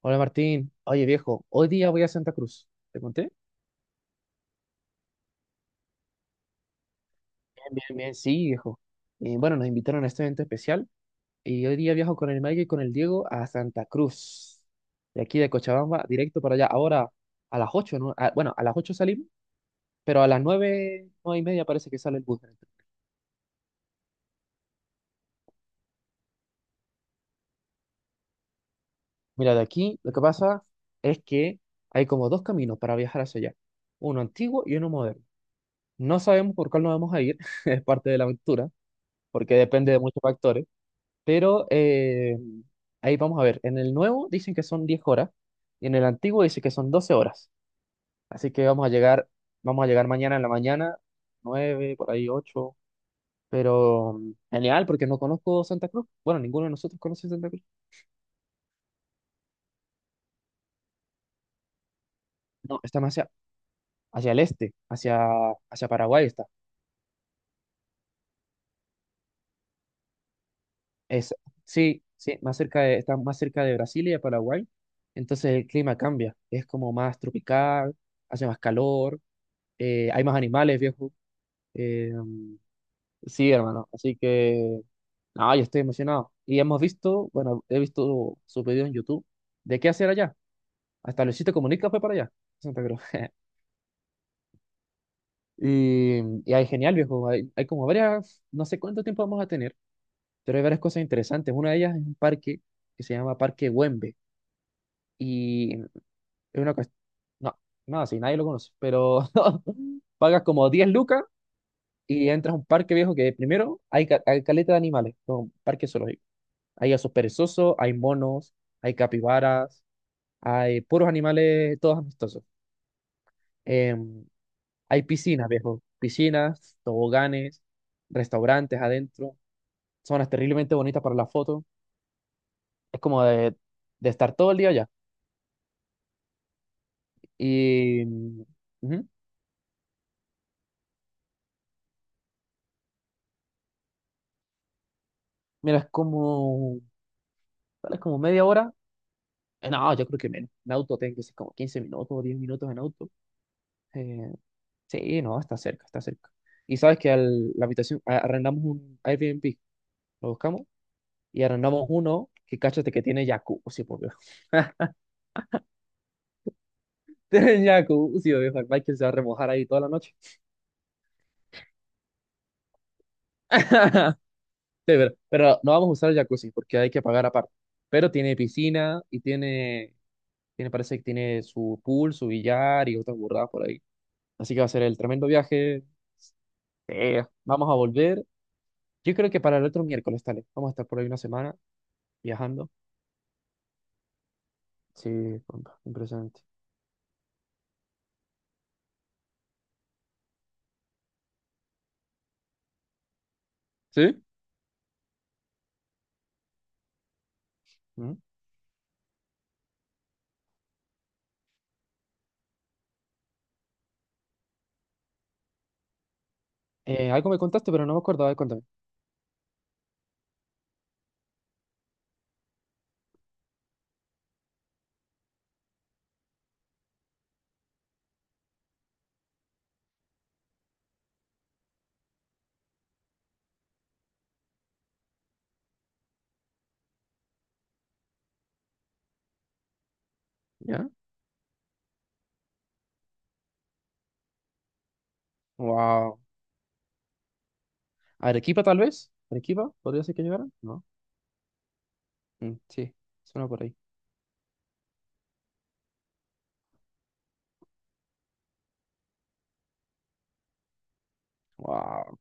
Hola Martín, oye viejo, hoy día voy a Santa Cruz. ¿Te conté? Bien, bien, bien, sí, viejo. Bueno, nos invitaron a este evento especial y hoy día viajo con el Mike y con el Diego a Santa Cruz. De aquí de Cochabamba, directo para allá. Ahora a las 8, ¿no? Ah, bueno, a las 8 salimos, pero a las 9 9 y media parece que sale el bus. Mira, de aquí lo que pasa es que hay como dos caminos para viajar hacia allá. Uno antiguo y uno moderno. No sabemos por cuál nos vamos a ir, es parte de la aventura, porque depende de muchos factores. Pero ahí vamos a ver. En el nuevo dicen que son 10 horas y en el antiguo dice que son 12 horas. Así que vamos a llegar mañana en la mañana, 9 por ahí ocho. Pero mm, genial, porque no conozco Santa Cruz. Bueno, ninguno de nosotros conoce Santa Cruz. No, está más hacia, hacia el este, hacia, hacia Paraguay está. Es, sí, sí, más cerca de, está más cerca de Brasil y de Paraguay. Entonces el clima cambia. Es como más tropical, hace más calor, hay más animales, viejo. eh, Sí, hermano. Así que, no, yo estoy emocionado. Y hemos visto, bueno, he visto su video en YouTube de qué hacer allá. Hasta Luisito Comunica fue para allá, Santa Cruz. Y, y ahí genial, viejo. Hay como varias, no sé cuánto tiempo vamos a tener, pero hay varias cosas interesantes. Una de ellas es un parque que se llama Parque Güembe. Y es una cuestión, no, no, sí, nadie lo conoce, pero pagas como 10 lucas y entras a un parque viejo que primero hay caleta de animales, como un parque solo. Hay osos perezosos, hay monos, hay capibaras, hay puros animales, todos amistosos. Em, hay piscinas, viejo. Piscinas, toboganes, restaurantes adentro. Zonas terriblemente bonitas para la foto. Es como de estar todo el día allá. Y... ujú. Mira, es como... ¿cuál? Es como media hora. No, yo creo que menos. En auto tengo que ser como 15 minutos o 10 minutos en auto. Eh, sí, no, está cerca, está cerca. Y sabes que la habitación, arrendamos un Airbnb, lo buscamos y arrendamos uno que cáchate que tiene jacuzzi, por Dios. Tiene jacuzzi, obvio. Michael se va a remojar ahí toda la noche. Sí, pero no vamos a usar el jacuzzi porque hay que pagar aparte. Pero tiene piscina y tiene, parece que tiene su pool, su billar y otras burradas por ahí. Así que va a ser el tremendo viaje. Sí. Vamos a volver. Yo creo que para el otro miércoles, tal vez. Vamos a estar por ahí una semana viajando. Sí, compa, impresionante. ¿Sí? ¿Mm? Algo me contaste, pero no me acordaba de contarme. ¿Ya? Wow. Arequipa, tal vez. Arequipa, podría ser que llegara. No. Mm, sí, suena por ahí. Wow.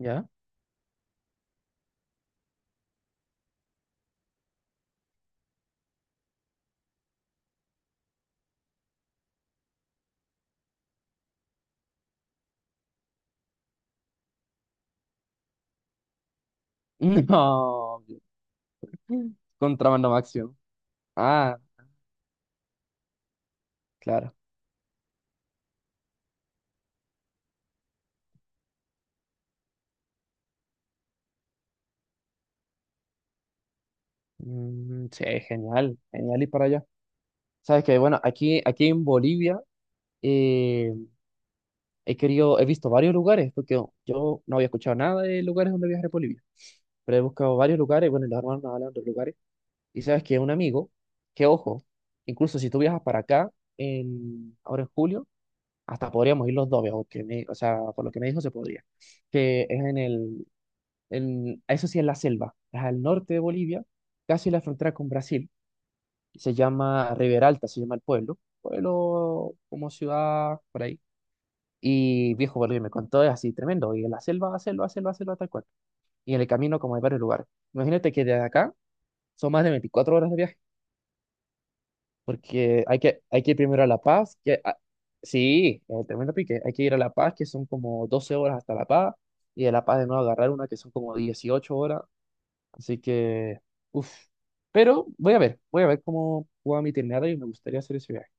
¿Ya? No. Contrabando máximo. Ah, claro. Mm, sí, genial. Genial ir para allá. Sabes que, bueno, aquí, aquí en Bolivia eh, he querido, he visto varios lugares, porque yo no había escuchado nada de lugares donde viajar en Bolivia. Pero he buscado varios lugares, bueno, y los hermanos nos hablan de otros lugares. Y sabes que un amigo, que ojo, incluso si tú viajas para acá, en, ahora en julio, hasta podríamos ir los dos, veo que o sea, por lo que me dijo se podría, que es en el, en, eso sí es la selva, es al norte de Bolivia, casi la frontera con Brasil, se llama Rivera Alta, se llama el pueblo, pueblo como ciudad, por ahí, y viejo, Bolivia me contó, es así tremendo, y en la selva, selva, selva, selva, tal cual, y en el camino como hay varios lugares, imagínate que desde acá son más de 24 horas de viaje. Porque hay que ir primero a La Paz, sí, el tremendo pique, hay que ir a La Paz, que son como 12 horas hasta La Paz, y de La Paz de nuevo agarrar una que son como 18 horas, así que, uff, pero voy a ver cómo juega mi itinerario y me gustaría hacer ese viaje.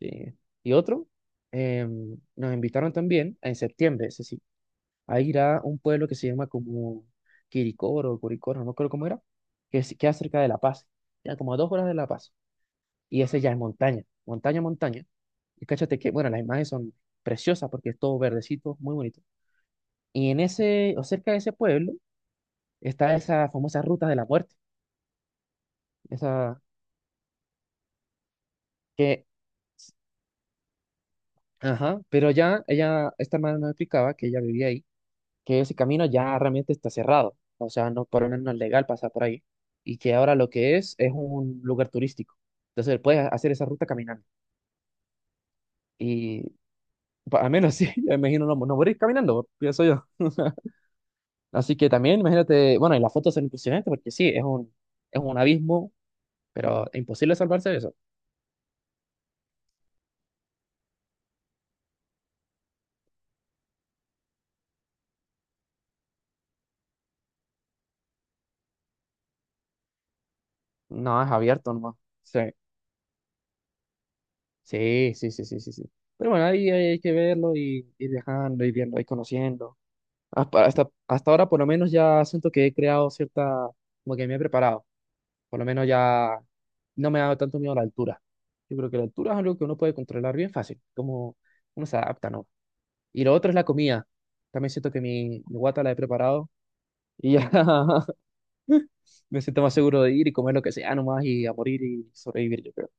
Sí. Y otro, nos invitaron también en septiembre, ese sí, a ir a un pueblo que se llama como Quiricoro, Curicoro, no creo cómo era, queda cerca de La Paz, ya como a 2 horas de La Paz. Y ese ya es montaña, montaña, montaña. Y cáchate que, bueno, las imágenes son preciosas porque es todo verdecito, muy bonito. Y en ese, o cerca de ese pueblo, está esa famosa ruta de la muerte, esa que, ajá, pero ya ella, esta hermana nos explicaba que ella vivía ahí, que ese camino ya realmente está cerrado, o sea, no, por lo menos no es legal pasar por ahí, y que ahora lo que es un lugar turístico. Entonces puedes hacer esa ruta caminando. Y al menos sí, me imagino no, no morir caminando, pienso yo. Así que también, imagínate, bueno, y las fotos son impresionantes porque sí, es un abismo, pero es imposible salvarse de eso. No, es abierto nomás. Sí, sí, sí, sí, sí, sí, sí. Pero bueno, ahí hay que verlo y ir viajando, ir viendo, ir conociendo. Hasta, hasta, hasta ahora, por lo menos, ya siento que he creado cierta, como que me he preparado. Por lo menos ya no me ha dado tanto miedo la altura. Yo creo que la altura es algo que uno puede controlar bien fácil, como uno se adapta, ¿no? Y lo otro es la comida. También siento que mi guata la he preparado. Y ya me siento más seguro de ir y comer lo que sea nomás y a morir y sobrevivir, yo creo.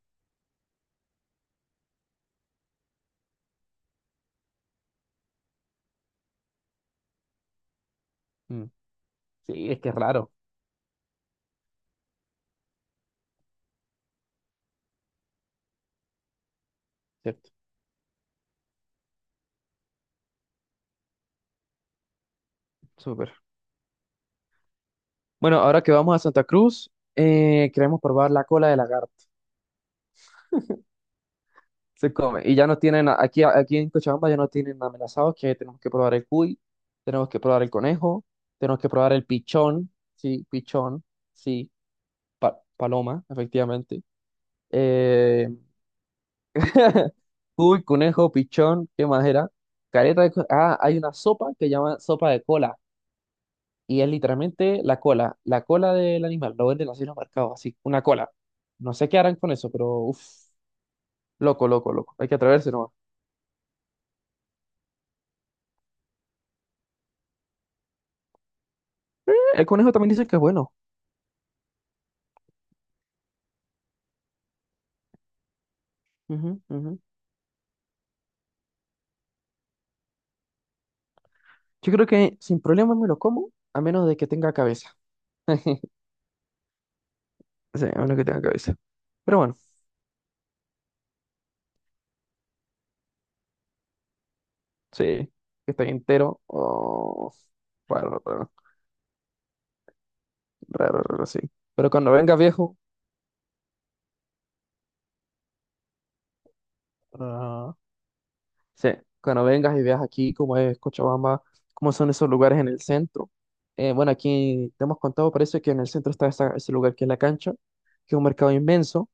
Mm. Sí, es que es raro, ¿cierto? Súper. Bueno, ahora que vamos a Santa Cruz, queremos probar la cola de lagarto. Se come. Y ya nos tienen, aquí, aquí en Cochabamba ya nos tienen amenazados que tenemos que probar el cuy, tenemos que probar el conejo, tenemos que probar el pichón, sí, paloma, efectivamente. Eh, Cuy, conejo, pichón, ¿qué más era? Careta de... Ah, hay una sopa que llaman sopa de cola. Y es literalmente la cola del animal. Lo venden así en los mercados, así, una cola. No sé qué harán con eso, pero uff, loco, loco, loco. Hay que atreverse nomás. El conejo también dice que es bueno. Ujú, ujú. Yo creo que sin problema me lo como, a menos de que tenga cabeza. Sí, a menos que tenga cabeza. Pero bueno, sí, que esté entero. Oh, raro, raro, raro, raro, sí. Pero cuando venga viejo. Ajá. Sí, cuando vengas y veas aquí cómo es Cochabamba, cómo son esos lugares en el centro. Bueno, aquí te hemos contado, parece que en el centro está ese lugar que es la cancha, que es un mercado inmenso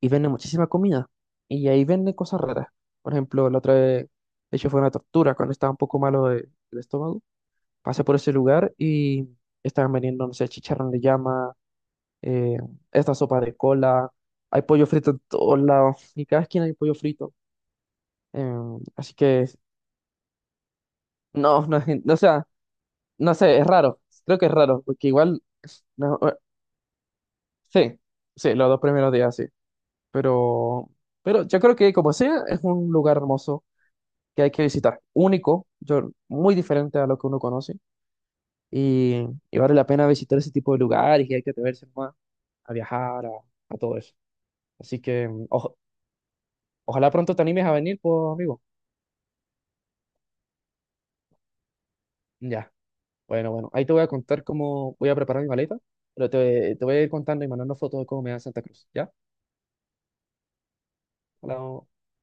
y vende muchísima comida. Y ahí venden cosas raras. Por ejemplo, la otra vez, de hecho fue una tortura cuando estaba un poco malo del estómago. Pasé por ese lugar y estaban vendiendo, no sé, chicharrón de llama, eh, esta sopa de cola, hay pollo frito en todos lados y cada esquina hay pollo frito. Así que no, no es, o sea, no sé, es raro. Creo que es raro, porque igual, no, sí, sí, los dos primeros días sí. Pero, pero yo creo que como sea, es un lugar hermoso que hay que visitar. Único, yo, muy diferente a lo que uno conoce. Y vale la pena visitar ese tipo de lugares y hay que atreverse más a viajar, a todo eso. Así que mm, ojalá pronto te animes a venir, pues, amigo. Ya, bueno, bueno. Ahí te voy a contar cómo voy a preparar mi maleta, pero te voy a ir contando y mandando fotos de cómo me da Santa Cruz, ¿ya? Hola,